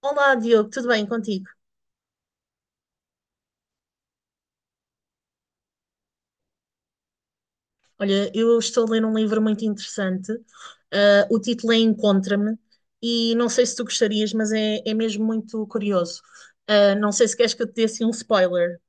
Olá, Diogo, tudo bem contigo? Olha, eu estou a ler um livro muito interessante. Ah, o título é Encontra-me e não sei se tu gostarias, mas é mesmo muito curioso. Ah, não sei se queres que eu te dê assim um spoiler.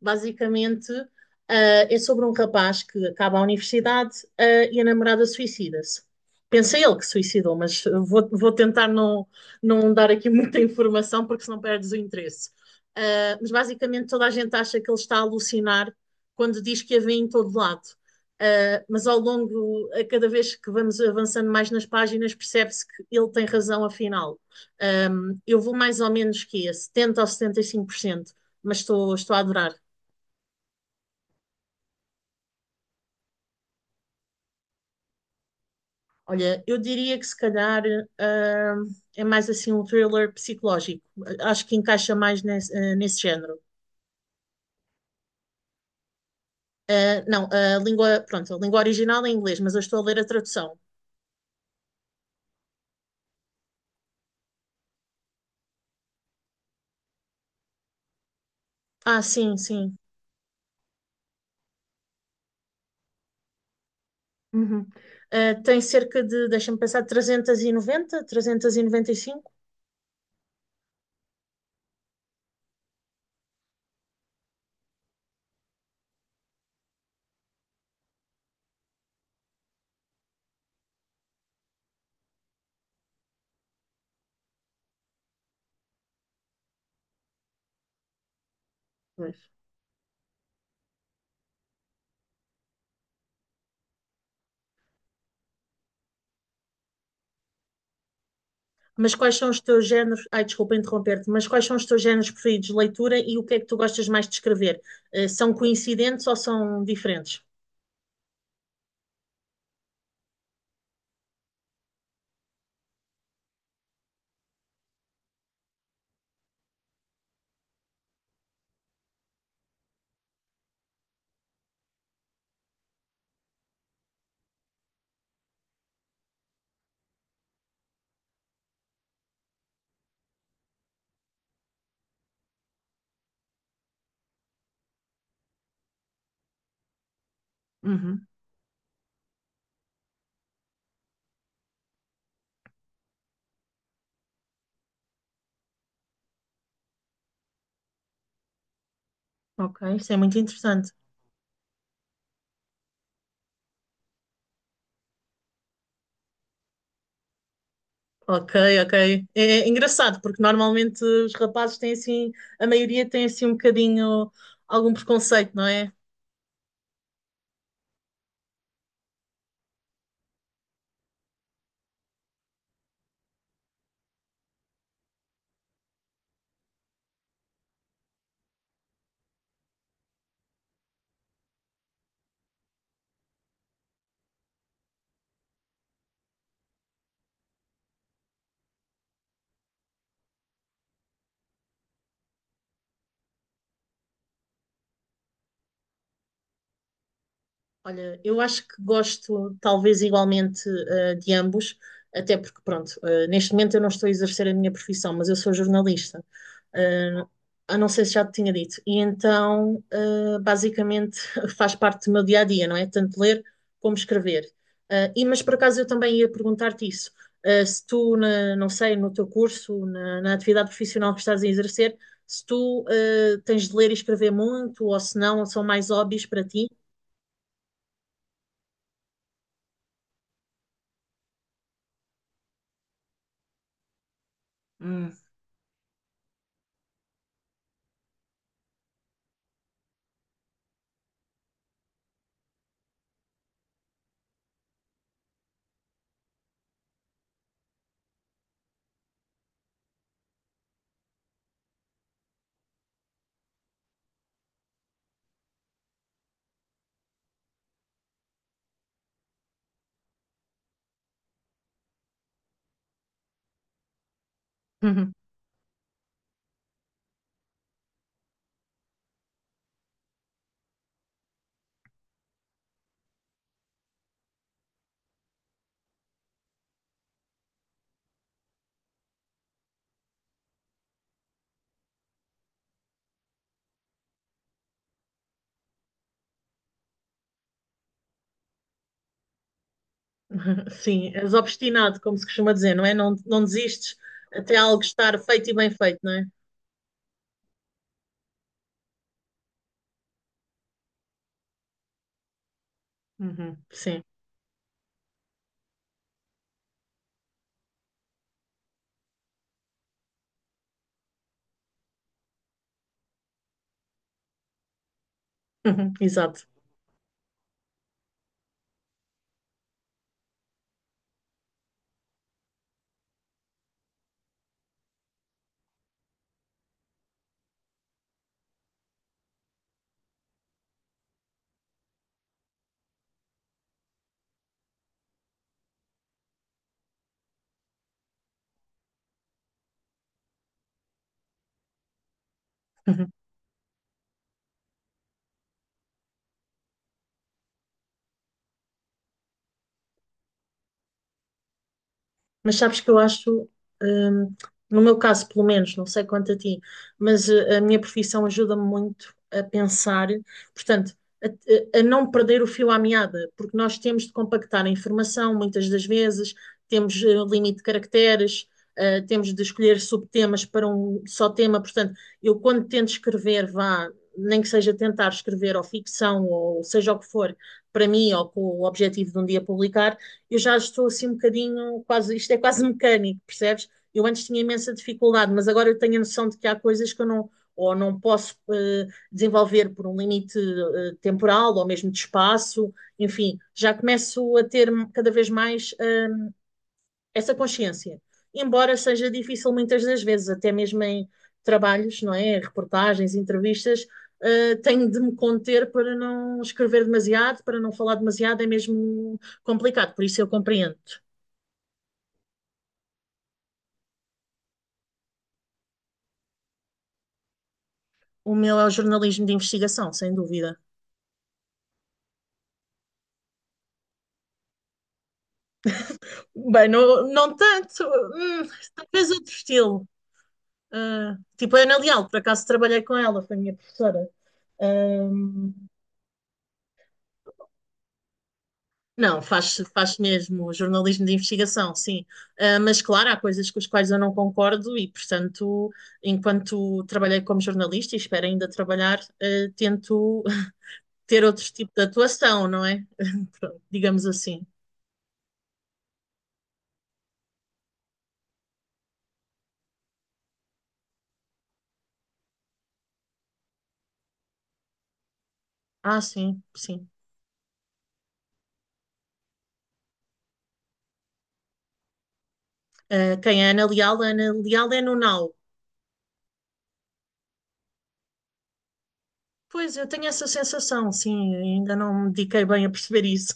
Basicamente é sobre um rapaz que acaba a universidade e a namorada suicida-se. Pensa ele que se suicidou, mas vou tentar não dar aqui muita informação porque senão perdes o interesse. Mas basicamente toda a gente acha que ele está a alucinar quando diz que a vê em todo lado. Mas ao longo, a cada vez que vamos avançando mais nas páginas, percebe-se que ele tem razão, afinal. Eu vou mais ou menos que a 70% ou 75%, mas estou a adorar. Olha, eu diria que se calhar ah, é mais assim um thriller psicológico. Acho que encaixa mais nesse género. Ah, não, a língua, pronto, a língua original é inglês, mas eu estou a ler a tradução. Ah, sim, sim. Uhum. Ah, tem cerca de, deixa-me pensar, 390, 395. Pois. Mas quais são os teus géneros? Ai, desculpa interromper-te, mas quais são os teus géneros preferidos de leitura e o que é que tu gostas mais de escrever? Eh, são coincidentes ou são diferentes? Uhum, ok, isso é muito interessante. Ok, ok. É engraçado, porque normalmente os rapazes têm assim, a maioria tem assim um bocadinho algum preconceito, não é? Olha, eu acho que gosto talvez igualmente eh, de ambos, até porque, pronto, eh, neste momento eu não estou a exercer a minha profissão, mas eu sou jornalista. Eh, eu não sei se já te tinha dito. E então, eh, basicamente, faz parte do meu dia a dia, não é? Tanto ler como escrever. Eh, e, mas por acaso eu também ia perguntar-te isso. Eh, se tu, não sei, no teu curso, na atividade profissional que estás a exercer, se tu tens de ler e escrever muito, ou se não, são mais hobbies para ti? Uhum. Sim, és obstinado, como se costuma dizer, não é? Não, não desistes até algo estar feito e bem feito, não é? Uhum. Sim. Exato. Mas sabes que eu acho, hum, no meu caso pelo menos, não sei quanto a ti, mas eh, a minha profissão ajuda-me muito a pensar, portanto, a não perder o fio à meada, porque nós temos de compactar a informação muitas das vezes, temos limite de caracteres, eh, temos de escolher subtemas para um só tema, portanto, eu quando tento escrever, vá, nem que seja tentar escrever ou ficção ou seja o que for, para mim ou com o objetivo de um dia publicar eu já estou assim um bocadinho, quase, isto é quase mecânico, percebes? Eu antes tinha imensa dificuldade, mas agora eu tenho a noção de que há coisas que eu não, ou não posso desenvolver por um limite temporal ou mesmo de espaço, enfim, já começo a ter cada vez mais essa consciência. Embora seja difícil muitas das vezes, até mesmo em trabalhos, não é? Reportagens, entrevistas, eh, tenho de me conter para não escrever demasiado, para não falar demasiado, é mesmo complicado, por isso eu compreendo. O meu é o jornalismo de investigação, sem dúvida. Bem, não, não tanto, talvez outro estilo. Ah, tipo a Ana Leal, por acaso trabalhei com ela, foi a minha professora. Ahm, não, faz mesmo jornalismo de investigação, sim. Ah, mas claro, há coisas com as quais eu não concordo e, portanto, enquanto trabalhei como jornalista e espero ainda trabalhar, ah, tento ter outro tipo de atuação, não é? Pronto, digamos assim. Ah, sim, sim. Ah, quem é Ana Leal? Ana Leal é no Now. Pois, eu tenho essa sensação, sim, ainda não me dediquei bem a perceber isso.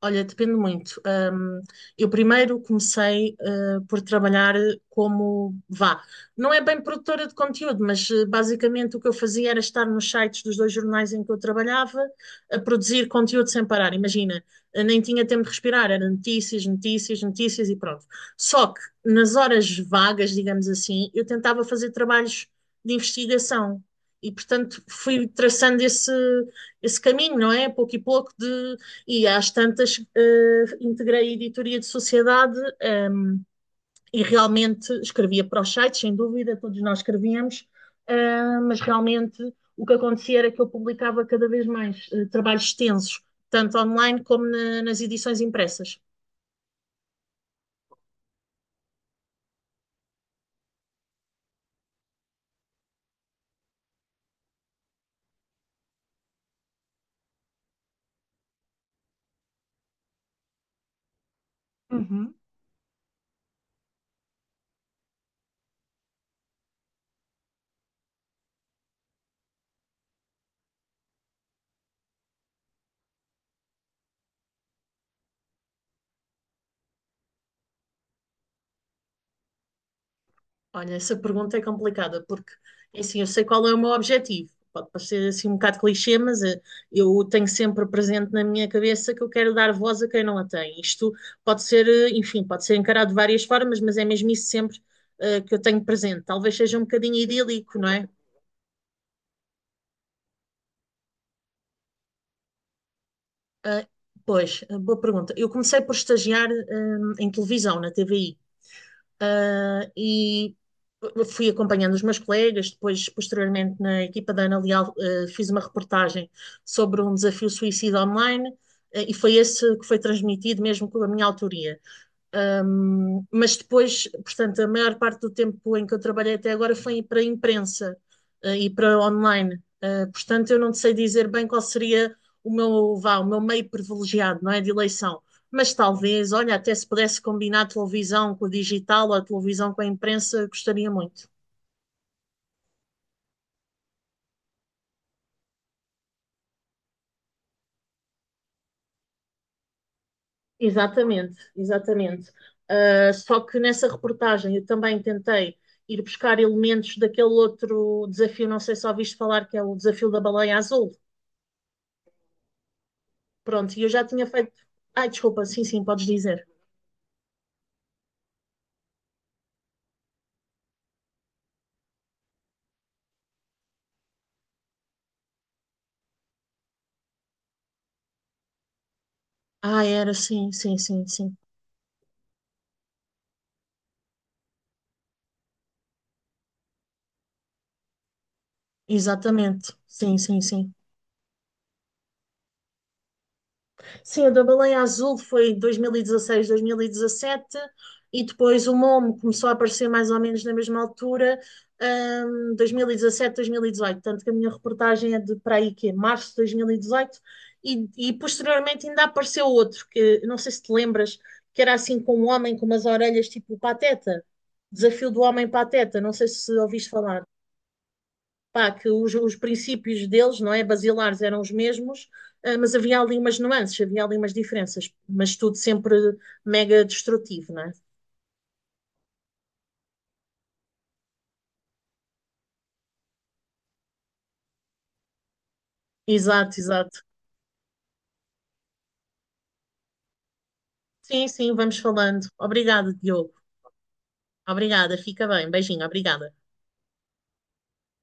Olha, depende muito. Eu primeiro comecei, eh, por trabalhar como, vá, não é bem produtora de conteúdo, mas eh, basicamente o que eu fazia era estar nos sites dos dois jornais em que eu trabalhava, a produzir conteúdo sem parar. Imagina, eh, nem tinha tempo de respirar, era notícias, notícias, notícias e pronto. Só que nas horas vagas, digamos assim, eu tentava fazer trabalhos de investigação. E, portanto, fui traçando esse caminho, não é? Pouco e pouco de e às tantas, eh, integrei a editoria de sociedade, e realmente escrevia para os sites, sem dúvida, todos nós escrevíamos, eh, mas realmente o que acontecia era que eu publicava cada vez mais trabalhos extensos, tanto online como nas edições impressas. Uhum. Olha, essa pergunta é complicada, porque é assim, eu sei qual é o meu objetivo. Pode parecer assim um bocado clichê, mas eh, eu tenho sempre presente na minha cabeça que eu quero dar voz a quem não a tem. Isto pode ser, eh, enfim, pode ser encarado de várias formas, mas é mesmo isso sempre que eu tenho presente. Talvez seja um bocadinho idílico, não é? Ah, pois, eh, boa pergunta. Eu comecei por estagiar, em televisão, na TVI. Ah, e fui acompanhando os meus colegas, depois, posteriormente, na equipa da Ana Leal, eh, fiz uma reportagem sobre um desafio suicida online, eh, e foi esse que foi transmitido mesmo com a minha autoria. Mas depois, portanto, a maior parte do tempo em que eu trabalhei até agora foi para a imprensa e para online. Portanto, eu não sei dizer bem qual seria o meu, vá, o meu meio privilegiado, não é, de eleição. Mas talvez, olha, até se pudesse combinar a televisão com o digital ou a televisão com a imprensa, gostaria muito. Exatamente, exatamente. Só que nessa reportagem eu também tentei ir buscar elementos daquele outro desafio, não sei se ouviste falar, que é o desafio da baleia azul. Pronto, e eu já tinha feito. Ai, desculpa, sim, sim, podes dizer. Ah, era, sim, sim, sim, sim. Exatamente. Sim, sim, sim. Sim, o da Baleia Azul foi 2016, 2017, e dezasseis, 2017, e depois o Momo começou a aparecer mais ou menos na mesma altura, 2017, 2018. Tanto que a minha reportagem é de para aí que é março de 2018, e, dezoito, e posteriormente ainda apareceu outro, que não sei se te lembras, que era assim com um homem com umas orelhas tipo Pateta, Desafio do Homem Pateta, não sei se ouviste falar pá, que os princípios deles, não é, basilares eram os mesmos, ah, mas havia ali umas nuances, havia ali umas diferenças, mas tudo sempre mega destrutivo, não é? Exato, exato. Sim, sim, vamos falando. Obrigada, Diogo. Obrigada, fica bem. Beijinho, obrigada.